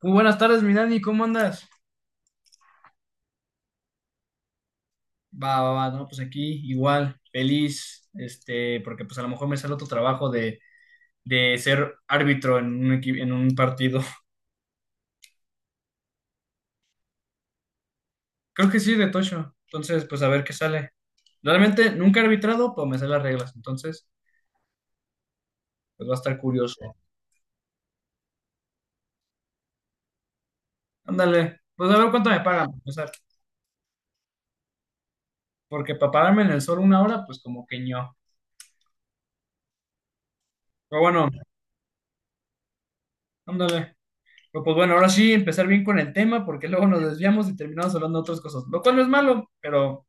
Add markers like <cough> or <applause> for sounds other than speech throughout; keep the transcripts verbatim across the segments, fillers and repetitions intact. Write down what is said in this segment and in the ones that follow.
Muy buenas tardes, mi Dani, ¿cómo andas? Va, va, va, no, pues aquí igual, feliz, este, porque pues a lo mejor me sale otro trabajo de, de ser árbitro en un, equi- en un partido. <laughs> Creo que sí, de Tocho. Entonces, pues a ver qué sale. Realmente nunca he arbitrado, pero me sé las reglas, entonces, pues va a estar curioso. Ándale, pues a ver cuánto me pagan, para empezar, porque para pararme en el sol una hora, pues como que ño. Pero bueno, ándale. Pero, pues bueno, ahora sí, empezar bien con el tema, porque luego nos desviamos y terminamos hablando de otras cosas, lo cual no es malo, pero...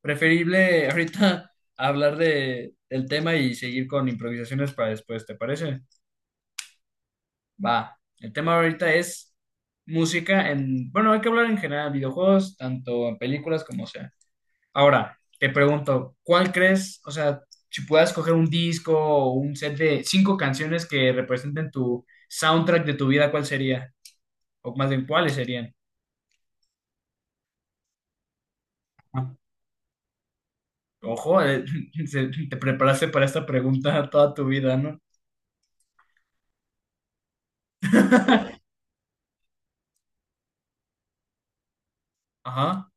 Preferible ahorita <laughs> hablar de, del tema y seguir con improvisaciones para después, ¿te parece? Va. El tema ahorita es música en, bueno, hay que hablar en general, videojuegos, tanto en películas como sea. Ahora, te pregunto, ¿cuál crees, o sea, si puedas coger un disco o un set de cinco canciones que representen tu soundtrack de tu vida, ¿cuál sería? O más bien, ¿cuáles serían? Ah, ojo, eh, <laughs> se- te preparaste para esta pregunta <laughs> toda tu vida, ¿no? Ajá,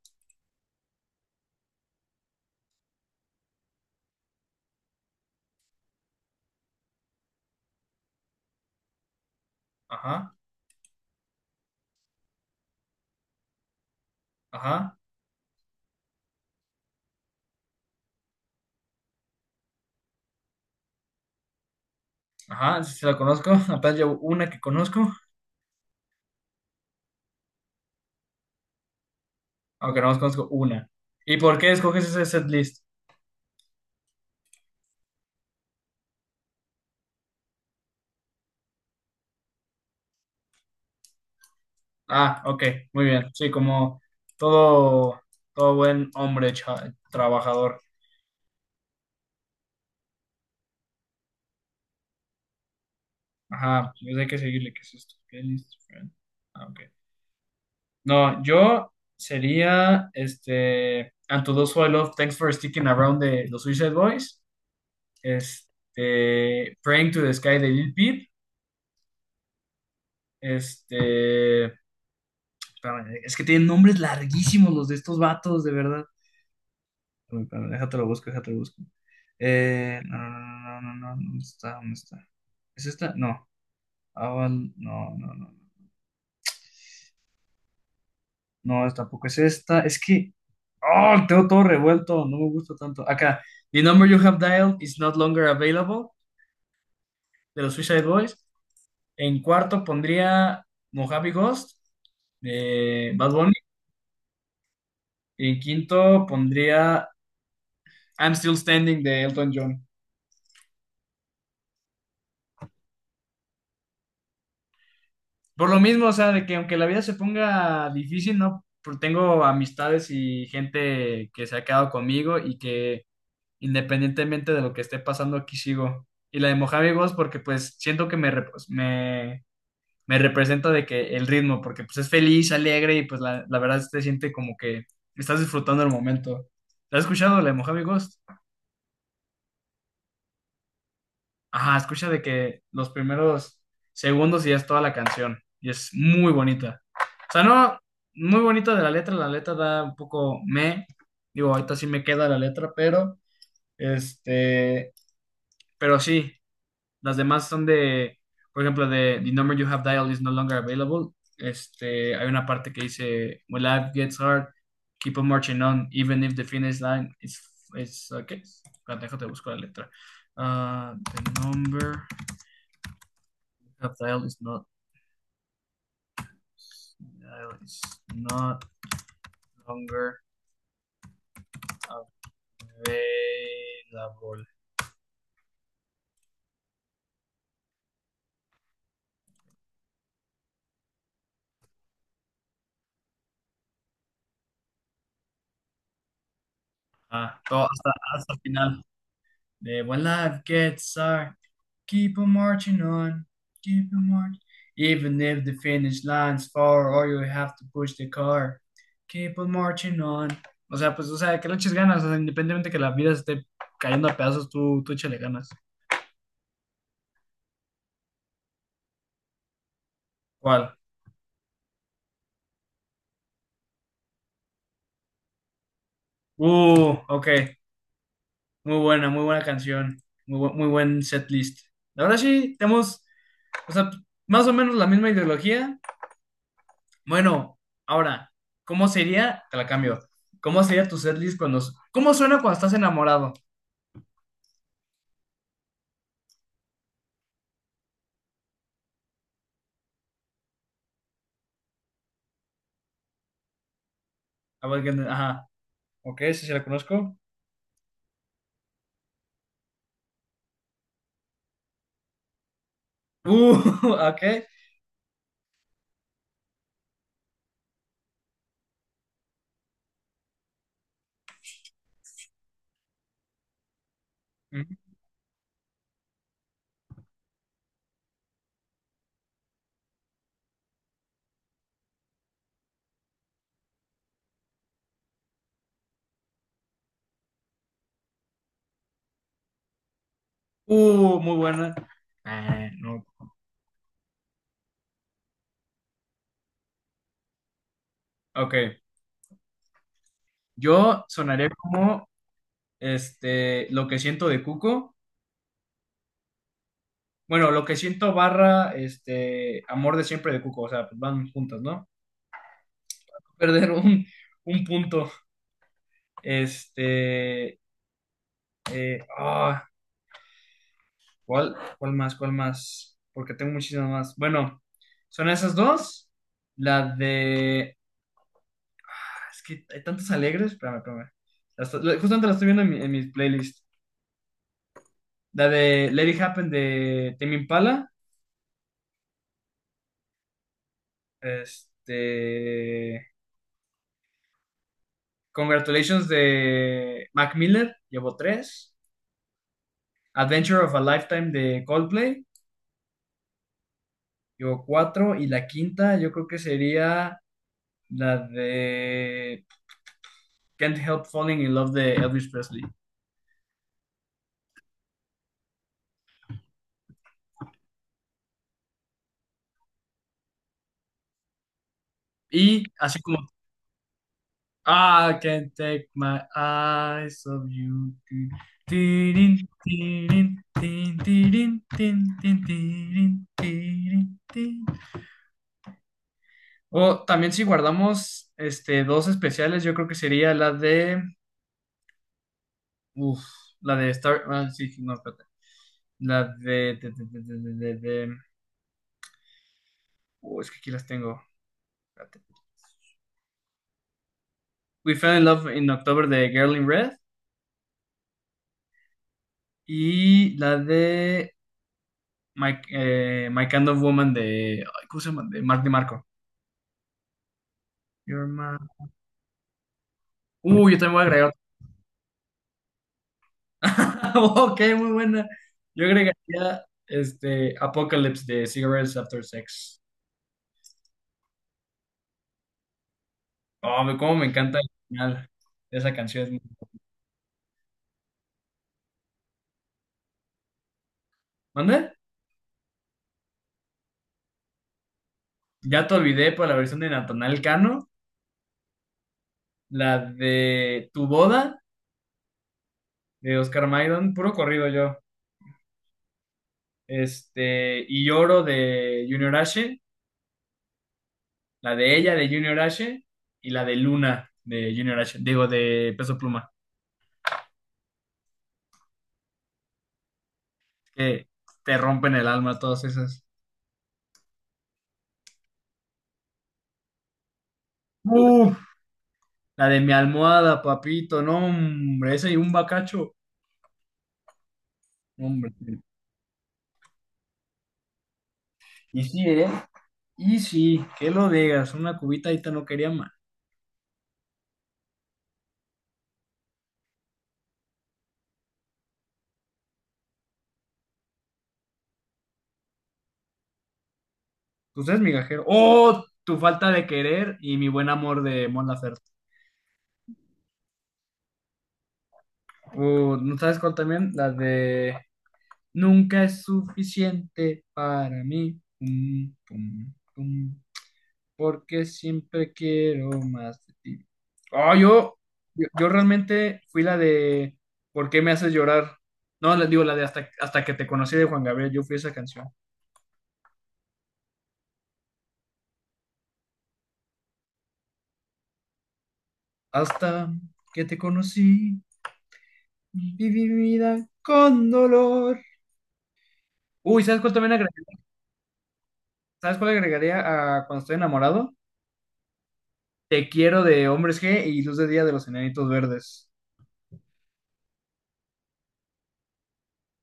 ajá. Ajá, ajá, sí, sí la conozco. <laughs> Apenas llevo una que conozco, aunque no más conozco una. ¿Y por qué escoges ese setlist? Ah, ok, muy bien. Sí, como todo, todo buen hombre cha- trabajador. Ajá, pues hay que seguirle. ¿Qué es esto? Playlist, friend. Ah, ok. No, yo sería este. And to those who I love, thanks for sticking around de los Suicide Boys. Este. Praying to the Sky de Lil Peep. Este. Espérame, es que tienen nombres larguísimos los de estos vatos, de verdad. Uy, espérame, déjate lo busco, déjate lo busco. Eh, no, no, no, no, no, no, ¿dónde está? ¿Dónde está? ¿Es esta? No. Aval- no, no, no. No, no, tampoco es esta. Es que. Oh, tengo todo revuelto. No me gusta tanto. Acá. The number you have dialed is not longer available. De los Suicide Boys. En cuarto pondría Mojave Ghost de Bad Bunny. Y en quinto pondría I'm Still Standing de Elton John. Por lo mismo, o sea, de que aunque la vida se ponga difícil, ¿no? Por- Tengo amistades y gente que se ha quedado conmigo y que independientemente de lo que esté pasando, aquí sigo. Y la de Mojave Ghost porque pues siento que me, rep- pues, me, me representa de que el ritmo, porque pues es feliz, alegre y pues la, la verdad se siente como que estás disfrutando el momento. ¿La has escuchado, la de Mojave Ghost? Ajá, escucha de que los primeros segundos y ya es toda la canción. Y es muy bonita. O sea, no, muy bonita de la letra. La letra da un poco me. Digo, ahorita sí me queda la letra, pero este, pero sí, las demás son de, por ejemplo, de The number you have dialed is no longer available. Este, hay una parte que dice, When life gets hard, keep on marching on, even if the finish line is, is, uh, ¿qué? Espérate, déjate, busco la letra. Ah, the number. Rafael is not Rafael is not longer available. Ah, todo hasta, hasta el final. De When Life Gets Hard, keep on marching on, keep on marching. Even if the finish line's far or you have to push the car, keep on marching on. O sea, pues, o sea, que le eches ganas, o sea, independientemente que la vida esté cayendo a pedazos, tú, tú échale ganas. ¿Cuál? Uh, ok. Muy buena, muy buena canción. Muy, bu- muy buen setlist. La verdad sí, tenemos, o sea, más o menos la misma ideología. Bueno, ahora, ¿cómo sería? Te la cambio. ¿Cómo sería tu setlist cuando... ¿Cómo suena cuando estás enamorado? A ver, que- ajá. Ok, sí, sí la conozco. Uh, <laughs> ok. Uh, muy buena. Ah, no. Ok. Yo sonaría como, este, Lo que siento de Cuco. Bueno, lo que siento barra este amor de siempre de Cuco, o sea, pues van juntas, ¿no? Perder un, un punto. Este, eh, ah, ¿cuál, cuál más, cuál más? Porque tengo muchísimas más. Bueno, son esas dos. La de, ah, es que hay tantas alegres, espérame, espérame. La esto- la- justamente la estoy viendo en, mi- en mis playlists. La de Let It Happen de Tame Impala, este, Congratulations de Mac Miller, llevo tres. Adventure of a Lifetime de Coldplay, yo cuatro, y la quinta yo creo que sería la de Can't Help Falling in Love de Elvis Presley. Y así como, I can't take my eyes off you. Tirin, tirin, tin, tirin, tin, tin, tirin, tirin, tin. O también si guardamos este, dos especiales, yo creo que sería la de, uf, la de Star, ah, sí, no, espérate. La de, de- de- de- de- de- de- de- uh, es que aquí las tengo. Espérate. We Fell in Love in October de Girl in Red. Y la de My, eh, My Kind of Woman de. Ay, ¿cómo se llama? De Mark DeMarco. Your Man. Uh, yo también voy a agregar otra. <laughs> Ok, muy buena. Yo agregaría este, Apocalypse de Cigarettes After Sex. Oh, me- cómo me encanta el final de esa canción. ¿Mande? Ya te olvidé por la versión de Natanael Cano. La de Tu Boda de Oscar Maidon, puro corrido yo. Este, y Lloro de Junior H, la de ella de Junior H y la de Luna de Junior H, digo de Peso Pluma, que te rompen el alma todas esas. Uf, la de mi almohada, papito, no, hombre, ese y un bacacho, no, hombre. Y sí, ¿eh? Y sí, que lo digas, una cubita ahorita no quería más. Pues es migajero. ¡Oh! Tu falta de querer y mi buen amor de Mon Laferte. Uh, ¿no sabes cuál también? La de Nunca es suficiente para mí, pum, pum, pum, porque siempre quiero más de ti. Oh, yo, yo, yo realmente fui la de ¿Por qué me haces llorar? No, les digo la de hasta, hasta que te conocí de Juan Gabriel, yo fui esa canción. Hasta que te conocí, viví mi vida con dolor. Uy, ¿sabes cuál también agregaría? ¿Sabes cuál agregaría a cuando estoy enamorado? Te quiero de Hombres G y Luz de Día de los Enanitos Verdes.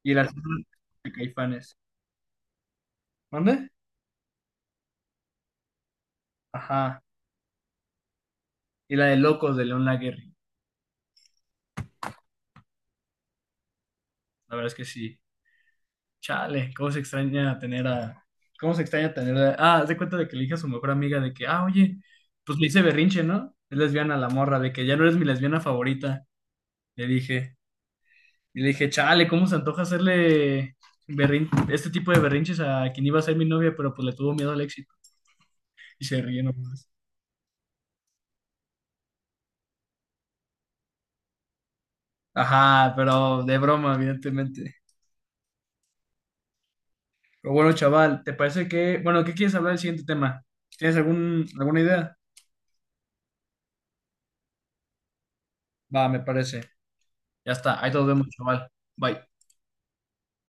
Y el Arsenal de Caifanes. ¿Mande? Ajá. Y la de Locos de León Laguerri. La verdad es que sí. Chale, cómo se extraña tener a. ¿Cómo se extraña tener a. Ah, haz de cuenta de que le dije a su mejor amiga de que, ah, oye, pues le hice berrinche, ¿no? Es lesbiana la morra, de que ya no eres mi lesbiana favorita. Le dije. Y le dije, chale, ¿cómo se antoja hacerle berrin- este tipo de berrinches a quien iba a ser mi novia, pero pues le tuvo miedo al éxito? Y se ríe nomás. Ajá, pero de broma, evidentemente. Pero bueno, chaval, ¿te parece que, bueno, ¿qué quieres hablar del siguiente tema? ¿Tienes algún, alguna idea? Va, me parece. Ya está, ahí nos vemos, chaval. Bye.